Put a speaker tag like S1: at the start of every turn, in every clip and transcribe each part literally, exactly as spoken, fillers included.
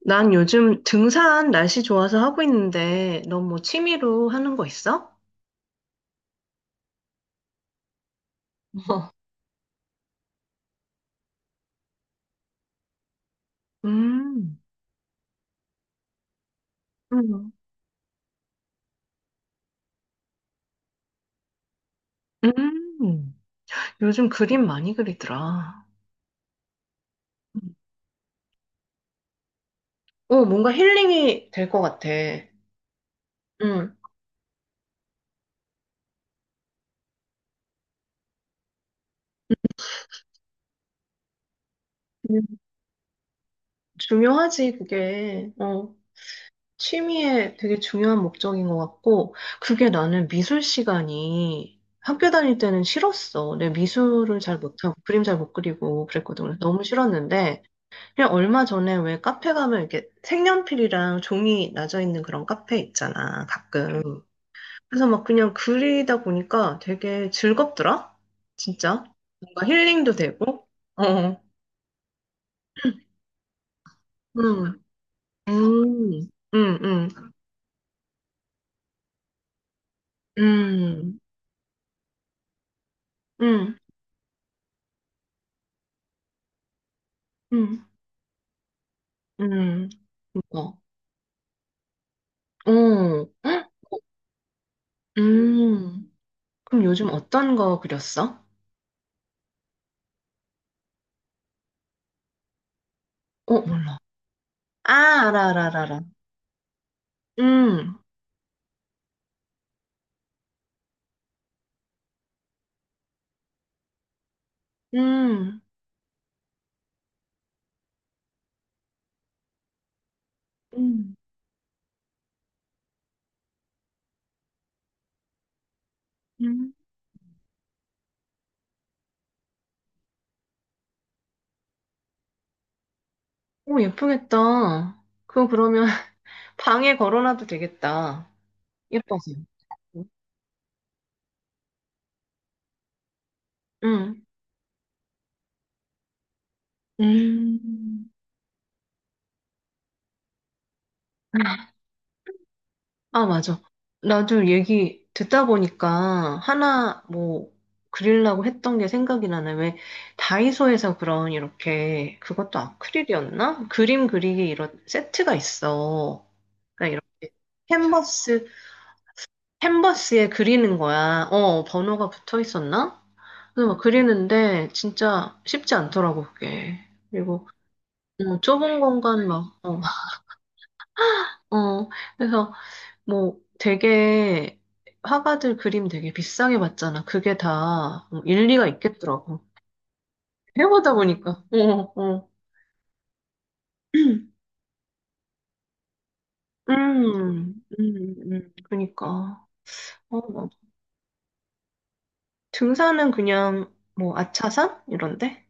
S1: 난 요즘 등산 날씨 좋아서 하고 있는데, 너 뭐 취미로 하는 거 있어? 어, 음, 음, 음. 요즘 그림 많이 그리더라. 어, 뭔가 힐링이 될 것 같아. 음, 음. 중요하지, 그게. 어, 취미에 되게 중요한 목적인 것 같고, 그게 나는 미술 시간이 학교 다닐 때는 싫었어. 내 미술을 잘 못하고, 그림 잘 못 그리고 그랬거든. 그래서 너무 싫었는데, 그냥 얼마 전에 왜 카페 가면 이렇게 색연필이랑 종이 나져 있는 그런 카페 있잖아, 가끔. 그래서 막 그냥 그리다 보니까 되게 즐겁더라? 진짜? 뭔가 힐링도 되고? 어. 음. 음. 음. 음. 음. 음. 음. 음. 어. 어. 음. 그럼 요즘 어떤 거 그렸어? 어, 몰라. 아, 알아, 알아, 알아. 알아. 음. 음. 음. 음. 오, 예쁘겠다. 그거 그러면 방에 걸어놔도 되겠다. 예뻐서. 응. 음. 아, 맞아. 나도 얘기 듣다 보니까 하나 뭐 그리려고 했던 게 생각이 나네. 왜 다이소에서 그런 이렇게 그것도 아크릴이었나? 그림 그리기 이런 세트가 있어. 그러니까 이렇게 캔버스, 캔버스에 그리는 거야. 어, 번호가 붙어 있었나? 그래서 막 그리는데 진짜 쉽지 않더라고 그게. 그리고 뭐 좁은 공간 막 어, 어 그래서 뭐 되게 화가들 그림 되게 비싸게 봤잖아. 그게 다뭐 일리가 있겠더라고. 해보다 보니까. 어, 어. 음, 음, 음, 그러니까. 어, 뭐. 등산은 그냥 뭐 아차산 이런데.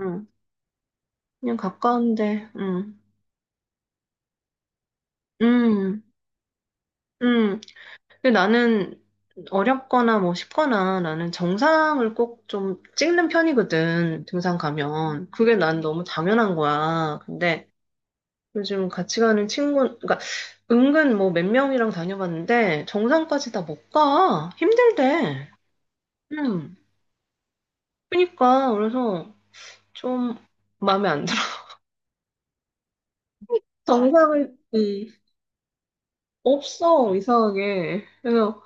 S1: 응 그냥 가까운데. 응 음, 음. 근데 나는 어렵거나 뭐 쉽거나 나는 정상을 꼭 좀 찍는 편이거든, 등산 가면. 그게 난 너무 당연한 거야. 근데 요즘 같이 가는 친구, 그러니까 은근 뭐 몇 명이랑 다녀봤는데 정상까지 다 못 가. 힘들대. 음. 그러니까 그래서 좀 마음에 안 들어. 정상을, 음, 없어, 이상하게. 그래서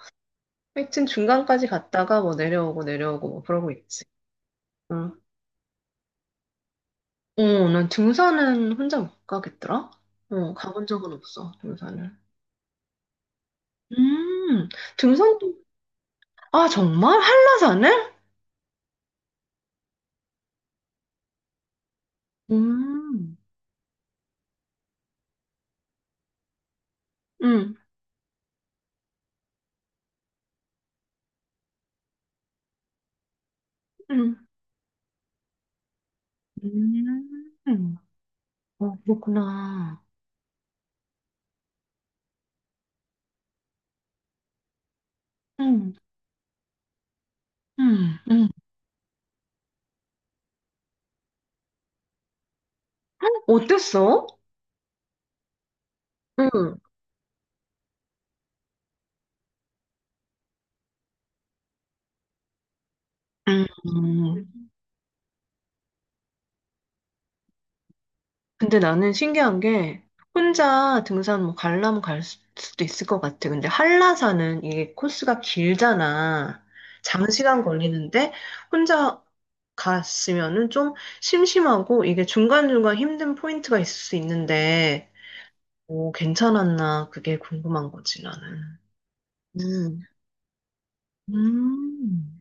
S1: 하여튼 중간까지 갔다가 뭐 내려오고 내려오고 뭐 그러고 있지. 응. 어, 난 등산은 혼자 못 가겠더라? 어, 가본 적은 없어, 등산을. 음, 등산도, 아, 정말? 한라산을? 음, 음, 음, 음, 어, 그렇구나. 음, 음, 음. 어땠어? 음, 음. 음. 근데 나는 신기한 게, 혼자 등산 뭐 가려면 갈 수- 수도 있을 것 같아. 근데 한라산은 이게 코스가 길잖아. 장시간 걸리는데, 혼자 갔으면은 좀 심심하고 이게 중간중간 힘든 포인트가 있을 수 있는데, 오, 괜찮았나? 그게 궁금한 거지, 나는. 음. 음,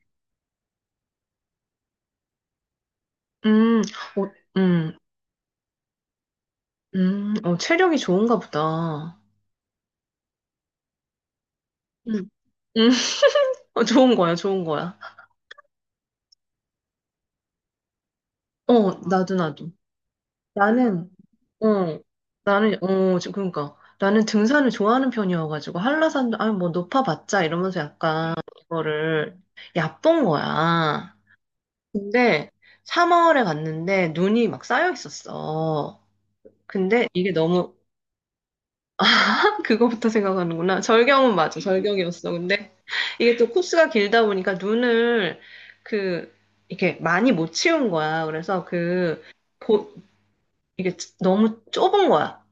S1: 음, 어, 음, 음, 어, 체력이 좋은가 보다. 음. 음, 어, 좋은 거야, 좋은 거야. 어, 어. 나도, 나도. 나는, 어, 나는, 어, 지금 그러니까. 나는 등산을 좋아하는 편이어가지고, 한라산도, 아, 뭐, 높아봤자, 이러면서 약간, 이거를 얕본 거야. 근데 삼월에 갔는데 눈이 막 쌓여 있었어. 근데 이게 너무 그거부터 생각하는구나. 절경은 맞아. 절경이었어. 근데 이게 또 코스가 길다 보니까 눈을 그 이렇게 많이 못 치운 거야. 그래서 그 보, 이게 너무 좁은 거야.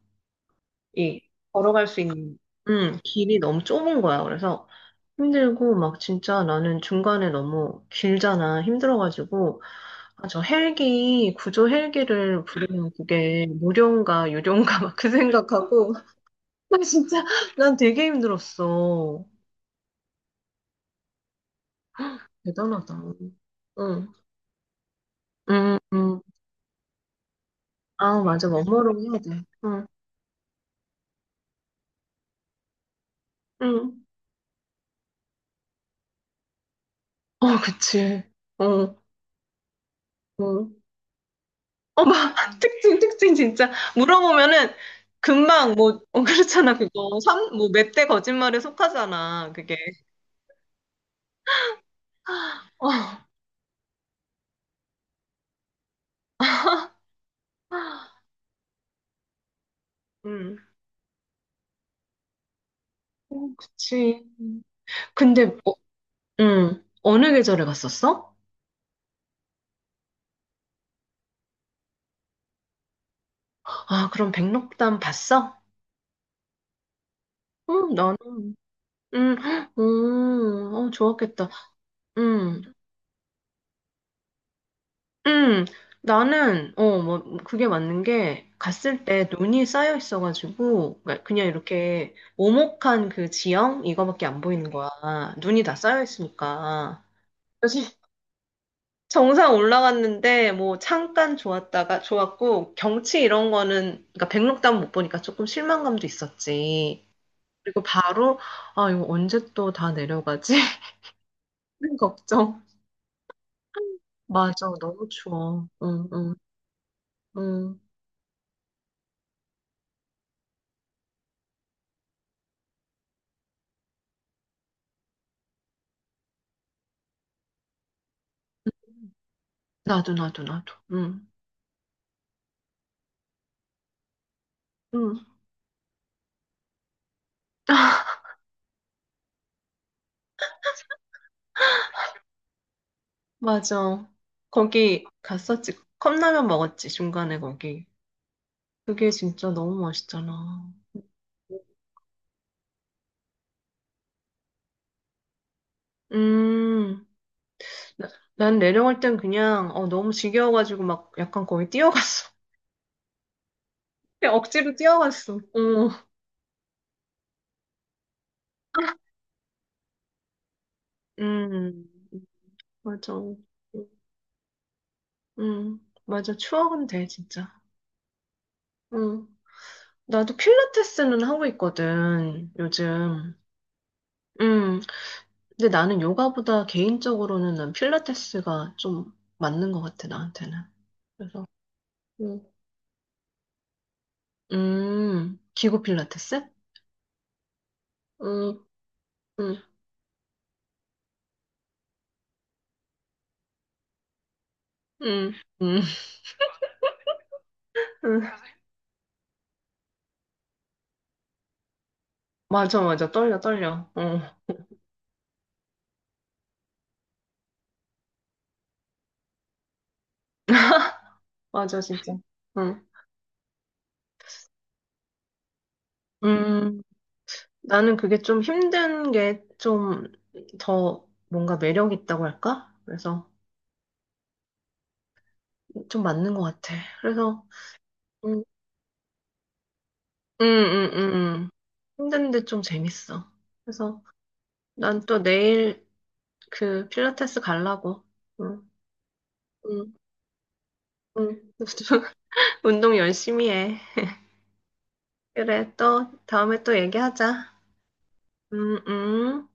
S1: 이 걸어갈 수 있는 음, 길이 너무 좁은 거야. 그래서 힘들고 막 진짜 나는 중간에 너무 길잖아. 힘들어가지고 아, 저 헬기 구조 헬기를 부르면 그게 무료인가 유료인가 막 그 생각하고 나 진짜 난 되게 힘들었어. 대단하다. 응. 응, 응. 아, 맞아. 원모로 해야 돼. 응. 응. 어, 그치. 어, 어. 어, 막 특징 특징 진짜 물어보면은 금방 뭐 어, 그렇잖아 그거 삼뭐몇 대 거짓말에 속하잖아. 그게 아, 음, 음. 그치. 근데, 어, 음, 어느 계절에 갔었어? 아, 그럼 백록담 봤어? 응, 나는, 음, 헉, 음, 어, 좋았겠다. 음, 음, 나는, 어, 뭐, 그게 맞는 게, 갔을 때 눈이 쌓여 있어가지고, 그러니까 그냥 이렇게 오목한 그 지형? 이거밖에 안 보이는 거야. 눈이 다 쌓여 있으니까. 그래서 정상 올라갔는데 뭐 잠깐 좋았다가 좋았고 경치 이런 거는 그러니까 백록담 못 보니까 조금 실망감도 있었지. 그리고 바로 아 이거 언제 또 다 내려가지? 하는 걱정. 맞아 너무 추워. 응응 응. 나도 나도 나도. 응 응. 맞아. 거기 갔었지. 컵라면 먹었지 중간에 거기. 그게 진짜 너무 맛있잖아. 음. 나- 난 내려갈 땐 그냥 어, 너무 지겨워가지고 막 약간 거기 뛰어갔어. 그냥 억지로 뛰어갔어. 어. 음, 맞아. 음, 맞아. 추억은 돼, 진짜. 음. 나도 필라테스는 하고 있거든, 요즘. 음, 근데 나는 요가보다 개인적으로는 난 필라테스가 좀 맞는 것 같아, 나한테는. 그래서, 음, 음, 기구 필라테스? 음, 음, 음, 음. 음. 맞아, 맞아. 떨려, 떨려. 어. 맞아, 진짜. 응. 음, 나는 그게 좀 힘든 게 좀 더 뭔가 매력 있다고 할까? 그래서 좀 맞는 것 같아. 그래서, 음, 음, 음, 음. 힘든데 좀 재밌어. 그래서 난 또 내일 그 필라테스 갈라고. 응, 응, 응. 운동 열심히 해. 그래, 또 다음에 또 얘기하자. 음, 음.